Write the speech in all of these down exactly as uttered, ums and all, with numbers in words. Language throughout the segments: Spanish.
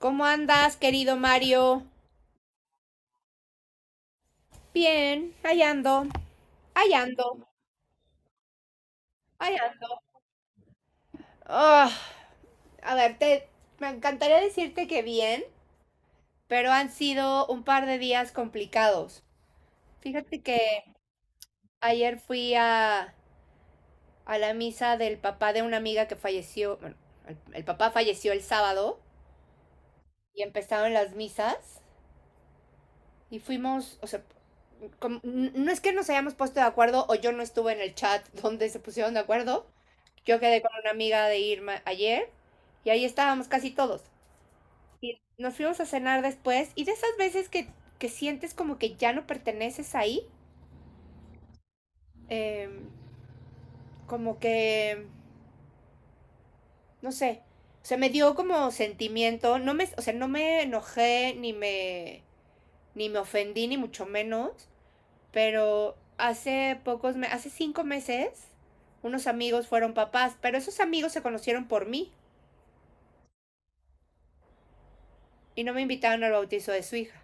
¿Cómo andas, querido Mario? Bien, ahí ando, ahí ando, ahí ando. Ah, a ver, te, Me encantaría decirte que bien, pero han sido un par de días complicados. Fíjate que ayer fui a, a la misa del papá de una amiga que falleció. Bueno, el, el papá falleció el sábado y empezaron las misas. Y fuimos, o sea, como- no es que nos hayamos puesto de acuerdo, o yo no estuve en el chat donde se pusieron de acuerdo. Yo quedé con una amiga de Irma ayer y ahí estábamos casi todos. Y nos fuimos a cenar después, y de esas veces que, que sientes como que ya no perteneces ahí, eh, como que, no sé, o sea, me dio como sentimiento. No me, o sea, no me enojé ni me, ni me ofendí ni mucho menos, pero hace pocos meses, hace cinco meses, unos amigos fueron papás, pero esos amigos se conocieron por mí y no me invitaron al bautizo de su hija.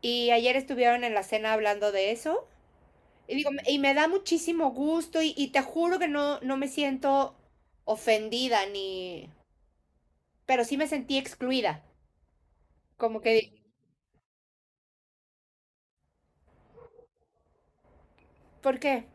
Y ayer estuvieron en la cena hablando de eso. Y, digo, y me da muchísimo gusto, y, y te juro que no, no me siento ofendida ni... Pero sí me sentí excluida. Como que, ¿por qué?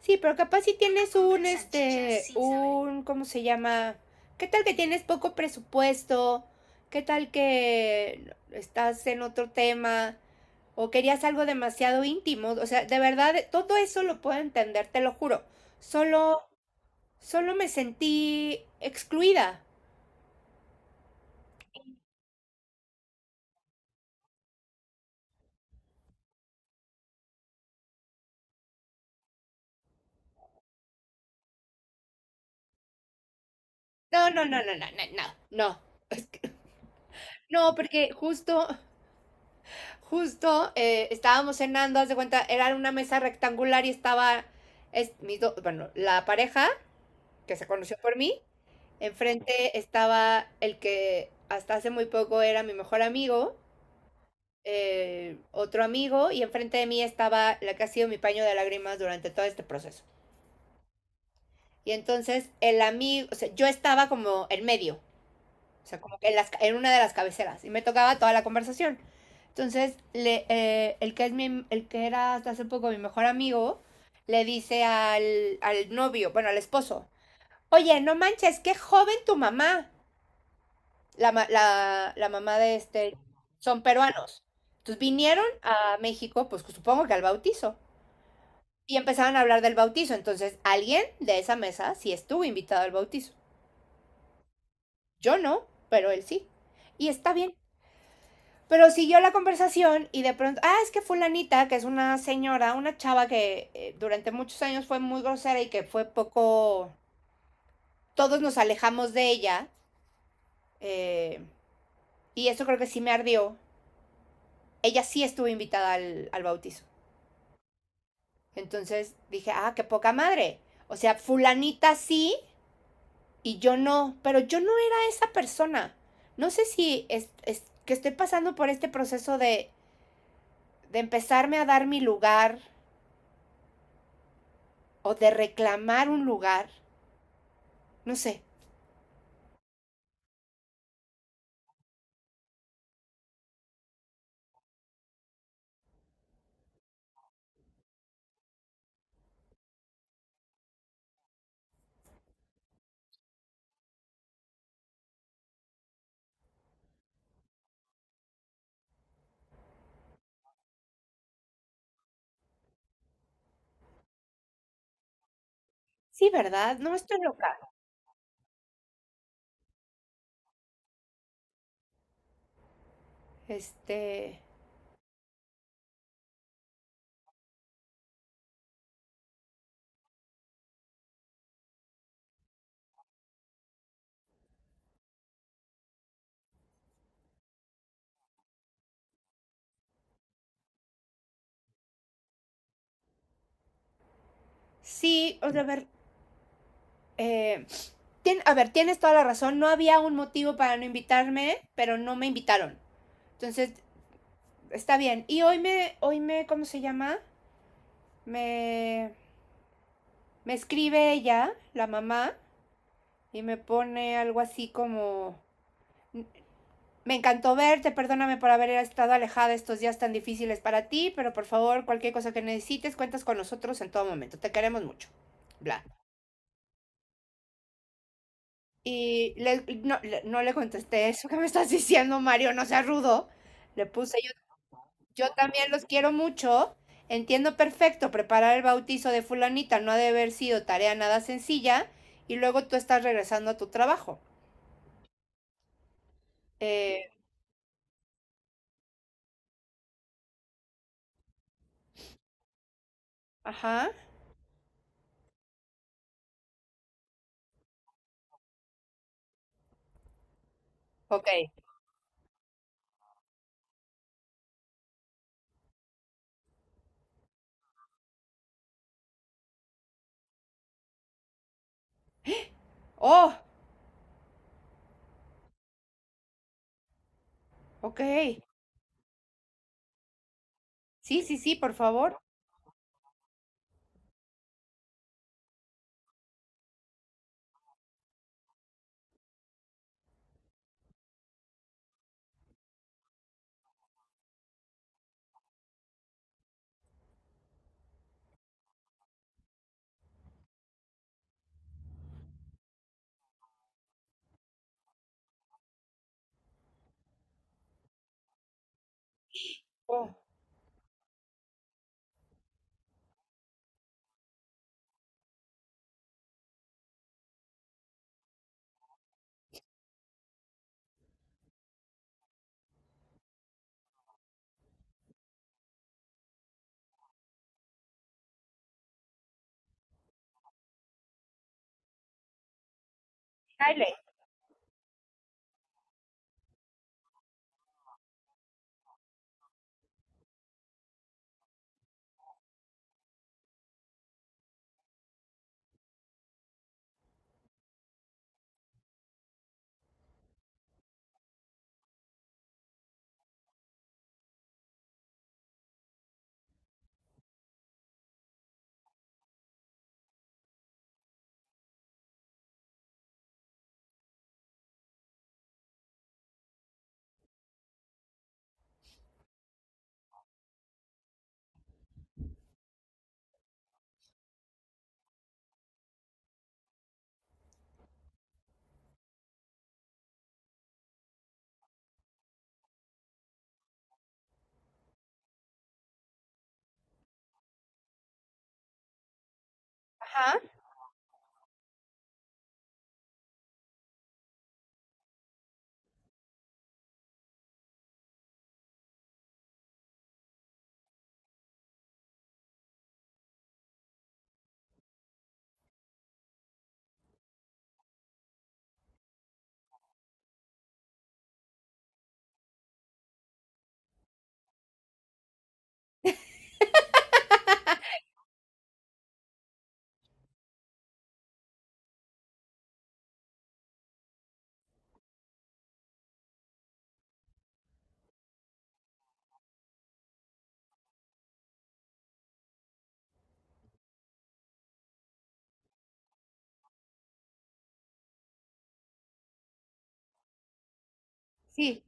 Sí, pero capaz si tienes un, este, un, ¿cómo se llama? ¿Qué tal que tienes poco presupuesto? ¿Qué tal que estás en otro tema? ¿O querías algo demasiado íntimo? O sea, de verdad, todo eso lo puedo entender, te lo juro. Solo, Solo me sentí excluida. No, no, no, no, no, no, no, no. No, porque justo justo eh, estábamos cenando, haz de cuenta, era una mesa rectangular, y estaba es, mis do- bueno, la pareja que se conoció por mí, enfrente estaba el que hasta hace muy poco era mi mejor amigo, eh, otro amigo, y enfrente de mí estaba la que ha sido mi paño de lágrimas durante todo este proceso. Y entonces el amigo, o sea, yo estaba como en medio. O sea, como que en, las- en una de las cabeceras. Y me tocaba toda la conversación. Entonces, le, eh, el, que es mi- el que era hasta hace poco mi mejor amigo, le dice al, al novio, bueno, al esposo, oye, no manches, qué joven tu mamá. La, la, la mamá de este, son peruanos. Entonces vinieron a México, pues supongo que al bautizo. Y empezaron a hablar del bautizo. Entonces, alguien de esa mesa sí estuvo invitado al bautizo. Yo no, pero él sí. Y está bien. Pero siguió la conversación y de pronto, ah, es que fulanita, que es una señora, una chava que eh, durante muchos años fue muy grosera, y que fue poco, todos nos alejamos de ella, eh, y eso creo que sí me ardió, ella sí estuvo invitada al, al bautizo. Entonces dije, ah, qué poca madre. O sea, fulanita sí y yo no, pero yo no era esa persona. No sé si es, es que estoy pasando por este proceso de, de empezarme a dar mi lugar o de reclamar un lugar, no sé. Sí, ¿verdad? No, estoy loca. Este, sí, o sea, a ver, eh, tien- a ver, tienes toda la razón, no había un motivo para no invitarme, pero no me invitaron. Entonces, está bien. Y hoy me, hoy me, ¿cómo se llama? Me, Me escribe ella, la mamá, y me pone algo así como, me encantó verte, perdóname por haber estado alejada estos días tan difíciles para ti, pero por favor, cualquier cosa que necesites, cuentas con nosotros en todo momento. Te queremos mucho. Bla. Y le- no, le- no le contesté eso que me estás diciendo, Mario, no seas rudo. Le puse, yo, yo también los quiero mucho. Entiendo perfecto, preparar el bautizo de fulanita no ha de haber sido tarea nada sencilla, y luego tú estás regresando a tu trabajo. Eh, ajá, ok. Oh, ok. Sí, sí, sí, por favor. Oh. Riley, ajá, sí.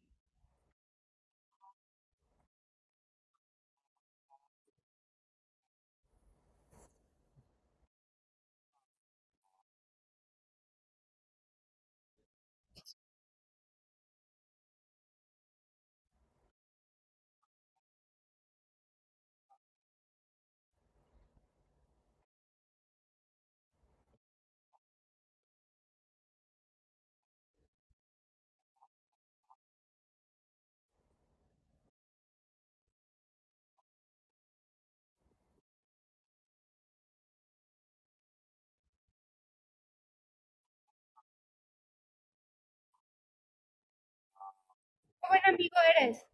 Qué buen amigo eres.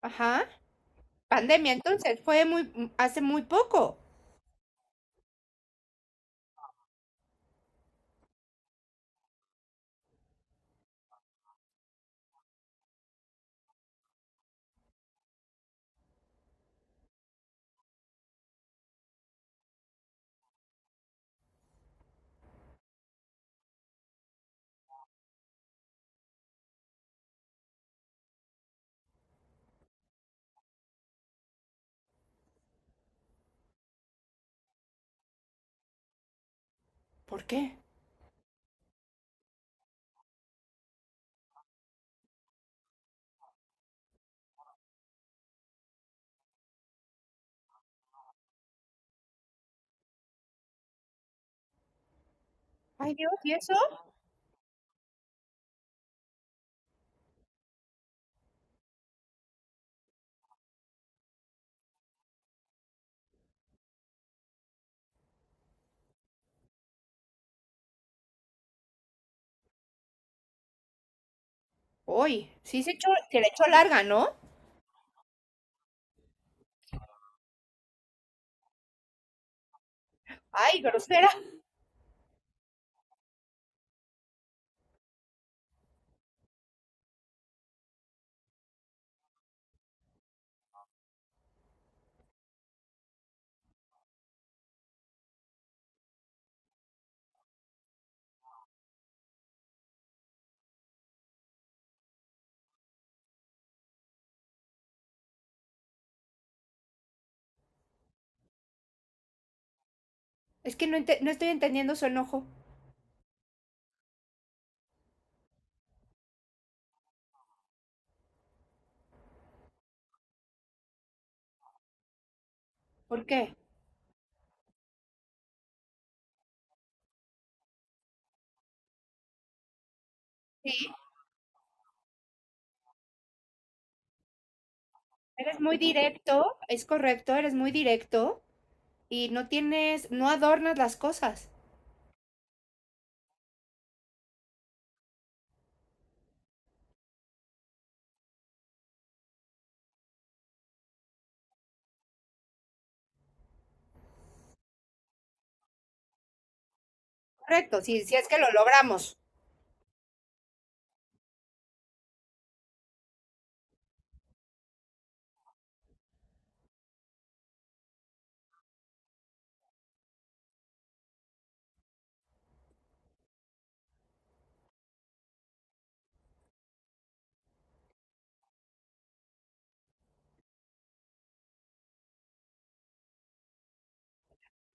Ajá. Pandemia, entonces, fue muy, hace muy poco. ¿Por qué? Ay, Dios, ¿y eso? Uy, sí se echó, se le echó larga, ¿no? Ay, grosera. Es que no, ente- no estoy entendiendo su enojo. ¿Por qué? Sí, eres muy directo, es correcto, eres muy directo y no tienes, no adornas las cosas. Correcto, sí, sí es que lo logramos.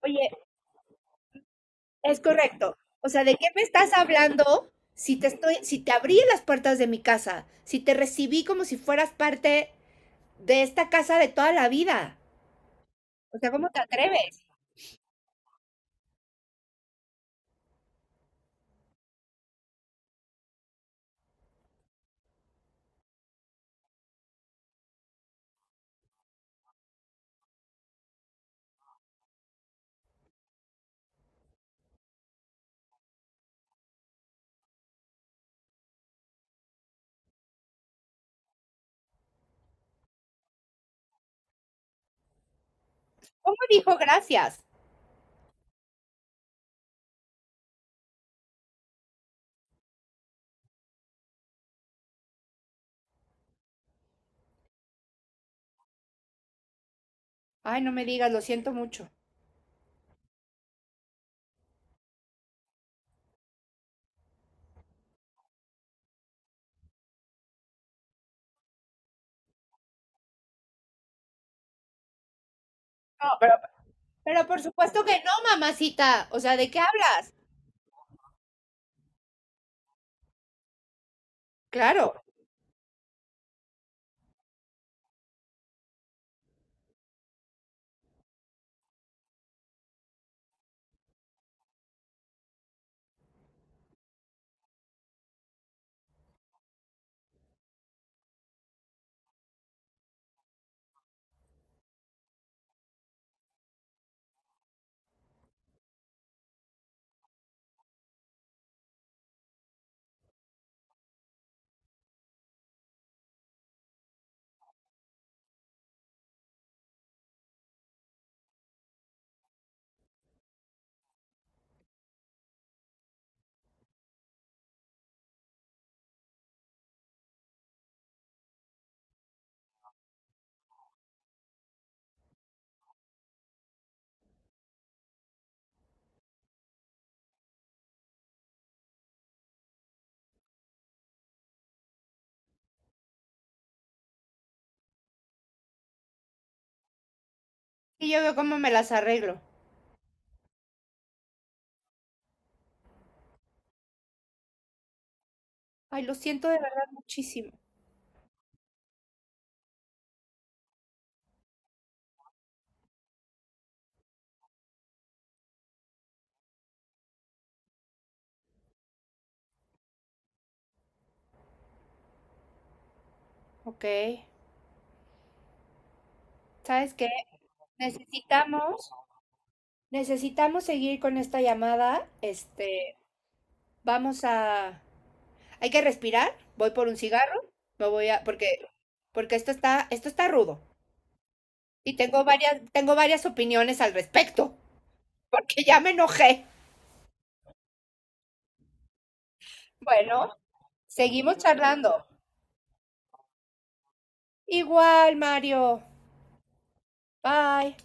Oye, es correcto. O sea, ¿de qué me estás hablando si te estoy, si te abrí las puertas de mi casa, si te recibí como si fueras parte de esta casa de toda la vida? O sea, ¿cómo te atreves? ¿Cómo dijo gracias? Ay, no me digas, lo siento mucho. No, pero, pero por supuesto que no, mamacita. O sea, ¿de qué hablas? Claro. Y yo veo cómo me las arreglo. Ay, lo siento de verdad muchísimo. Ok. ¿Sabes qué? Necesitamos, necesitamos seguir con esta llamada. Este, vamos a, hay que respirar. Voy por un cigarro. Me voy a, porque, porque esto está, esto está rudo. Y tengo varias, tengo varias opiniones al respecto. Porque ya me enojé. Bueno, seguimos charlando. Igual, Mario. Bye.